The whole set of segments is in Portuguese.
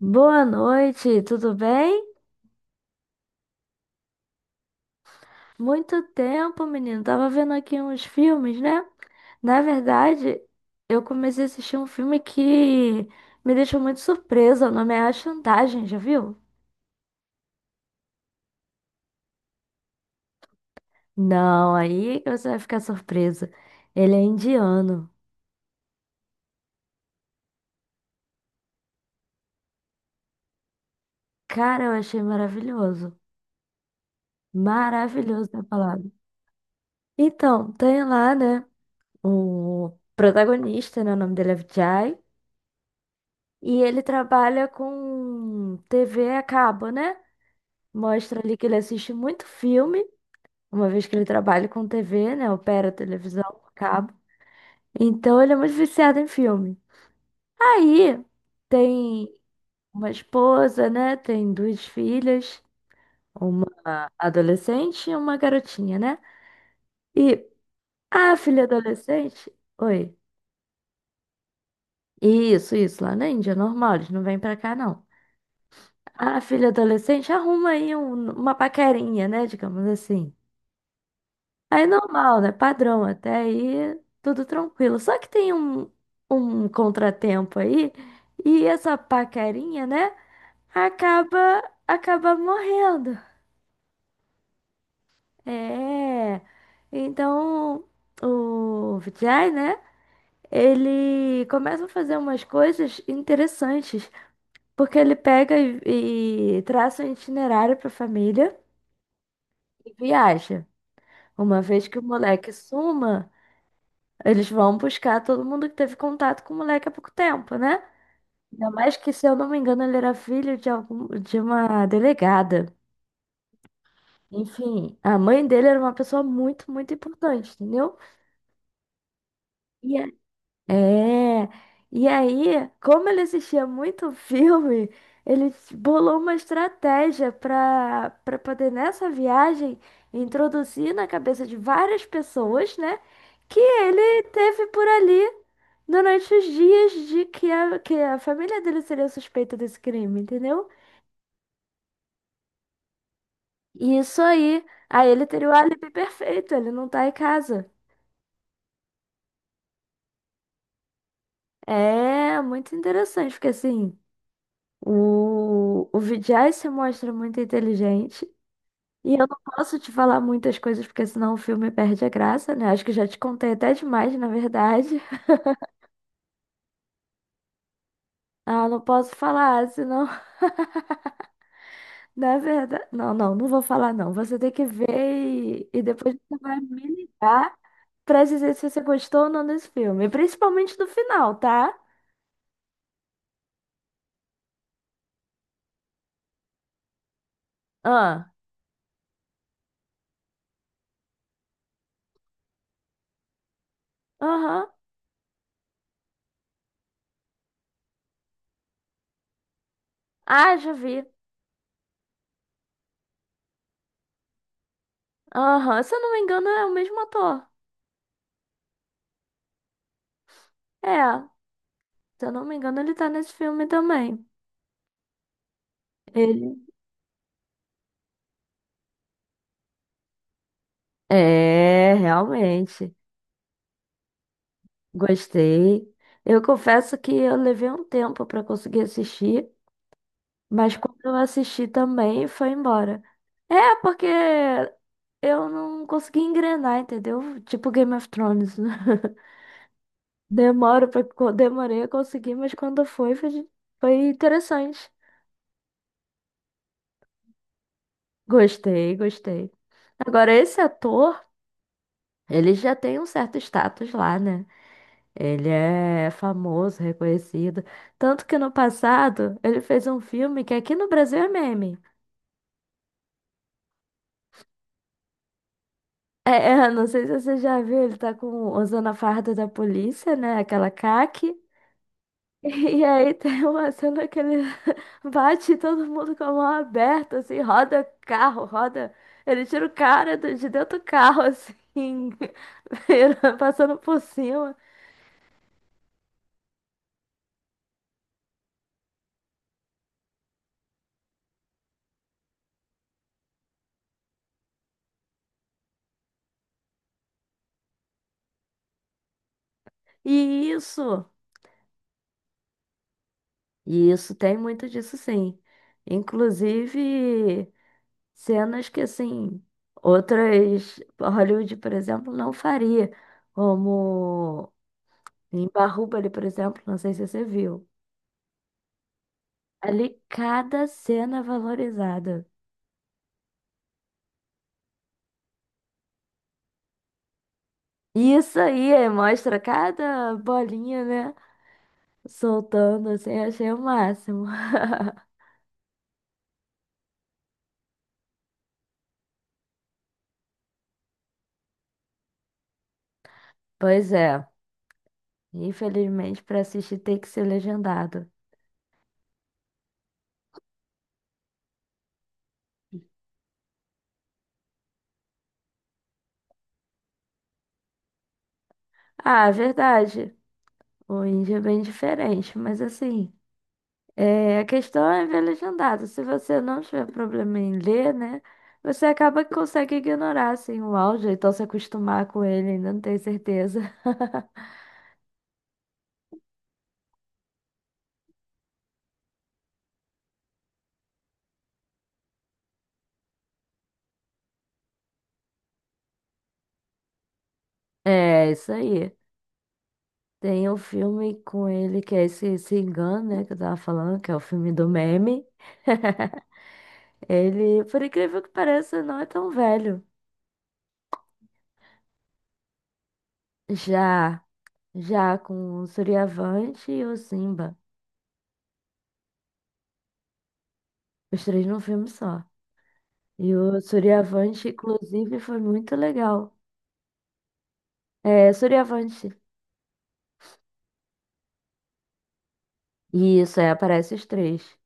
Boa noite, tudo bem? Muito tempo, menino. Tava vendo aqui uns filmes, né? Na verdade, eu comecei a assistir um filme que me deixou muito surpresa. O nome é A Chantagem, já viu? Não, aí que você vai ficar surpresa. Ele é indiano. Cara, eu achei maravilhoso. Maravilhoso a palavra. Então, tem lá, né? O protagonista, né? O nome dele é Vijay. E ele trabalha com TV a cabo, né? Mostra ali que ele assiste muito filme, uma vez que ele trabalha com TV, né? Opera televisão, cabo. Então ele é muito viciado em filme. Aí tem uma esposa, né? Tem duas filhas, uma adolescente e uma garotinha, né? E a filha adolescente. Oi. Isso, lá na Índia, normal, eles não vêm pra cá, não. A filha adolescente arruma aí uma paquerinha, né? Digamos assim. Aí é normal, né? Padrão, até aí tudo tranquilo. Só que tem um, um contratempo aí e essa paquerinha, né? Acaba, acaba morrendo. É. Então o Vijay, né? Ele começa a fazer umas coisas interessantes, porque ele pega e traça um itinerário para a família e viaja. Uma vez que o moleque suma. Eles vão buscar todo mundo que teve contato com o moleque há pouco tempo, né? Ainda mais que, se eu não me engano, ele era filho de algum, de uma delegada. Enfim, a mãe dele era uma pessoa muito, muito importante, entendeu? E é, e aí, como ele assistia muito filme, ele bolou uma estratégia para poder nessa viagem introduzir na cabeça de várias pessoas, né, que ele teve por ali durante os dias de que a família dele seria suspeita desse crime, entendeu? E isso aí, aí ele teria o álibi perfeito, ele não tá em casa. É, muito interessante, porque assim. O Vijay se mostra muito inteligente. E eu não posso te falar muitas coisas, porque senão o filme perde a graça, né? Acho que já te contei até demais, na verdade. Ah, não posso falar, senão, na verdade. Não, não, não vou falar, não. Você tem que ver e depois você vai me ligar pra dizer se você gostou ou não desse filme. E principalmente do final, tá? Ah, aham. Ah, já vi. Aham. Se eu não me engano, é o mesmo ator. É, se eu não me engano, ele tá nesse filme também. Ele é, realmente. Gostei. Eu confesso que eu levei um tempo para conseguir assistir, mas quando eu assisti também foi embora. É, porque eu não consegui engrenar, entendeu? Tipo Game of Thrones, né? Demorei a conseguir, mas quando foi, foi, foi interessante. Gostei, gostei. Agora, esse ator, ele já tem um certo status lá, né? Ele é famoso, reconhecido. Tanto que no passado ele fez um filme que aqui no Brasil é meme. Não sei se você já viu, ele tá com, usando a farda da polícia, né? Aquela caque. E aí tem uma cena que ele bate em todo mundo com a mão aberta, assim, roda carro, roda. Ele tira o cara de dentro do carro, assim, passando por cima. E isso, e isso tem muito disso, sim. Inclusive. Cenas que, assim, outras. Hollywood, por exemplo, não faria. Como em Barrubali, por exemplo, não sei se você viu. Ali, cada cena é valorizada. E isso aí, é, mostra cada bolinha, né? Soltando, assim, achei o máximo. Pois é. Infelizmente, para assistir tem que ser legendado. Ah, verdade. O índio é bem diferente, mas assim. É, a questão é ver legendado. Se você não tiver problema em ler, né? Você acaba que consegue ignorar, assim, o áudio, então se acostumar com ele, ainda não tenho certeza. É, isso aí. Tem um filme com ele que é esse Singan, né? Que eu tava falando, que é o filme do meme. Ele, por incrível que pareça, não é tão velho. Já, já com o Suriavante e o Simba. Os três num filme só. E o Suriavante, inclusive, foi muito legal. É Suriavante. Isso, é, aparece os três.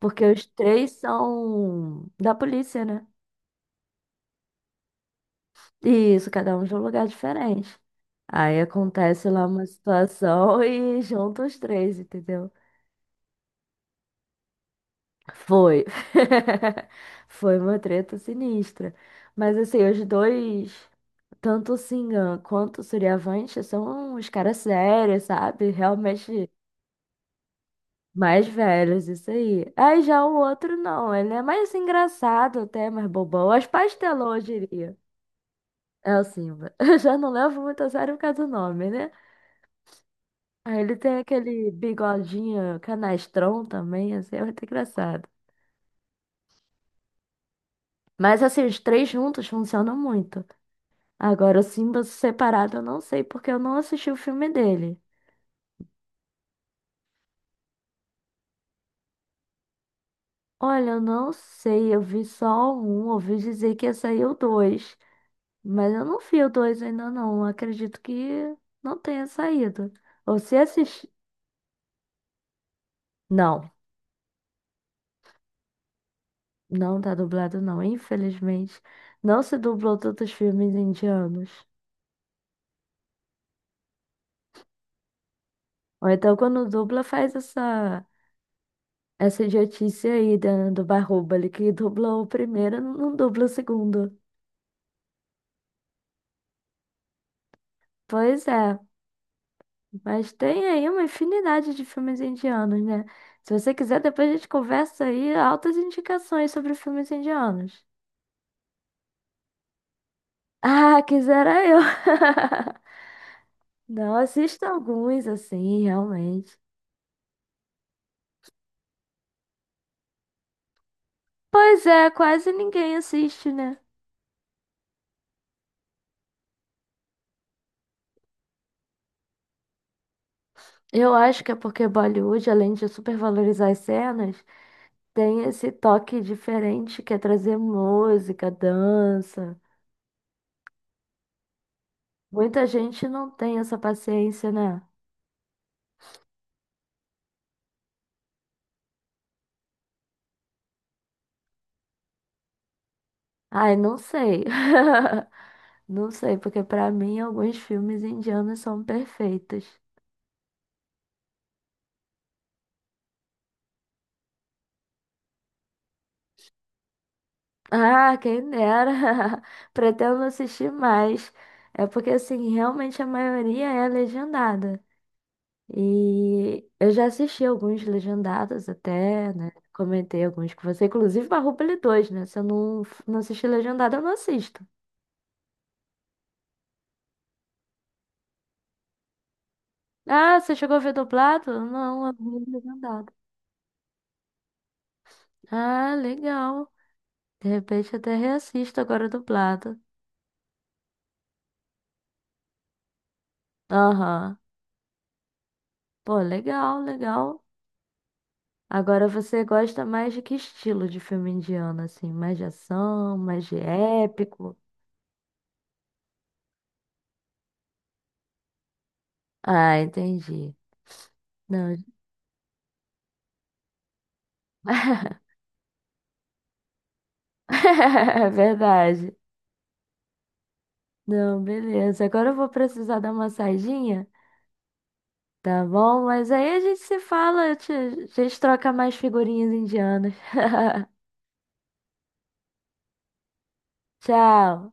Porque os três são da polícia, né? Isso, cada um de um lugar diferente. Aí acontece lá uma situação e junta os três, entendeu? Foi. Foi uma treta sinistra. Mas assim, os dois, tanto o Singan quanto o Suriavante, são uns caras sérios, sabe? Realmente mais velhos, isso aí. Aí já o outro não, ele é mais engraçado até, mais bobão. As pastelou, eu diria. É o Simba. Eu já não levo muito a sério por causa do nome, né? Aí ele tem aquele bigodinho canastrão também, assim, é muito engraçado. Mas assim, os três juntos funcionam muito. Agora, o Simba separado eu não sei, porque eu não assisti o filme dele. Olha, eu não sei, eu vi só um, ouvi dizer que ia sair o dois. Mas eu não vi o 2 ainda não. Acredito que não tenha saído. Ou se assisti... Não, não tá dublado não. Infelizmente, não se dublou tantos filmes indianos. Ou então quando dubla faz essa essa idiotice aí do Bahubali, que dublou o primeiro, não dubla o segundo. Pois é, mas tem aí uma infinidade de filmes indianos, né? Se você quiser, depois a gente conversa aí altas indicações sobre filmes indianos. Ah, quisera eu. Não assisto alguns assim, realmente. Pois é, quase ninguém assiste, né? Eu acho que é porque Bollywood, além de supervalorizar as cenas, tem esse toque diferente que é trazer música, dança. Muita gente não tem essa paciência, né? Ai, não sei. Não sei, porque pra mim alguns filmes indianos são perfeitos. Ah, quem dera. Pretendo assistir mais. É porque, assim, realmente a maioria é legendada. E eu já assisti alguns legendados até, né? Comentei alguns com você, inclusive Barroupilha 2, né? Se eu não assistir legendado, eu não assisto. Ah, você chegou a ver dublado? Não, eu vi legendado. Ah, legal. De repente até reassisto agora dublado. Aham. Pô, legal, legal. Agora você gosta mais de que estilo de filme indiano, assim? Mais de ação, mais de épico? Ah, entendi. Não. É verdade. Não, beleza. Agora eu vou precisar dar uma saidinha, tá bom? Mas aí a gente se fala, a gente troca mais figurinhas indianas. Tchau.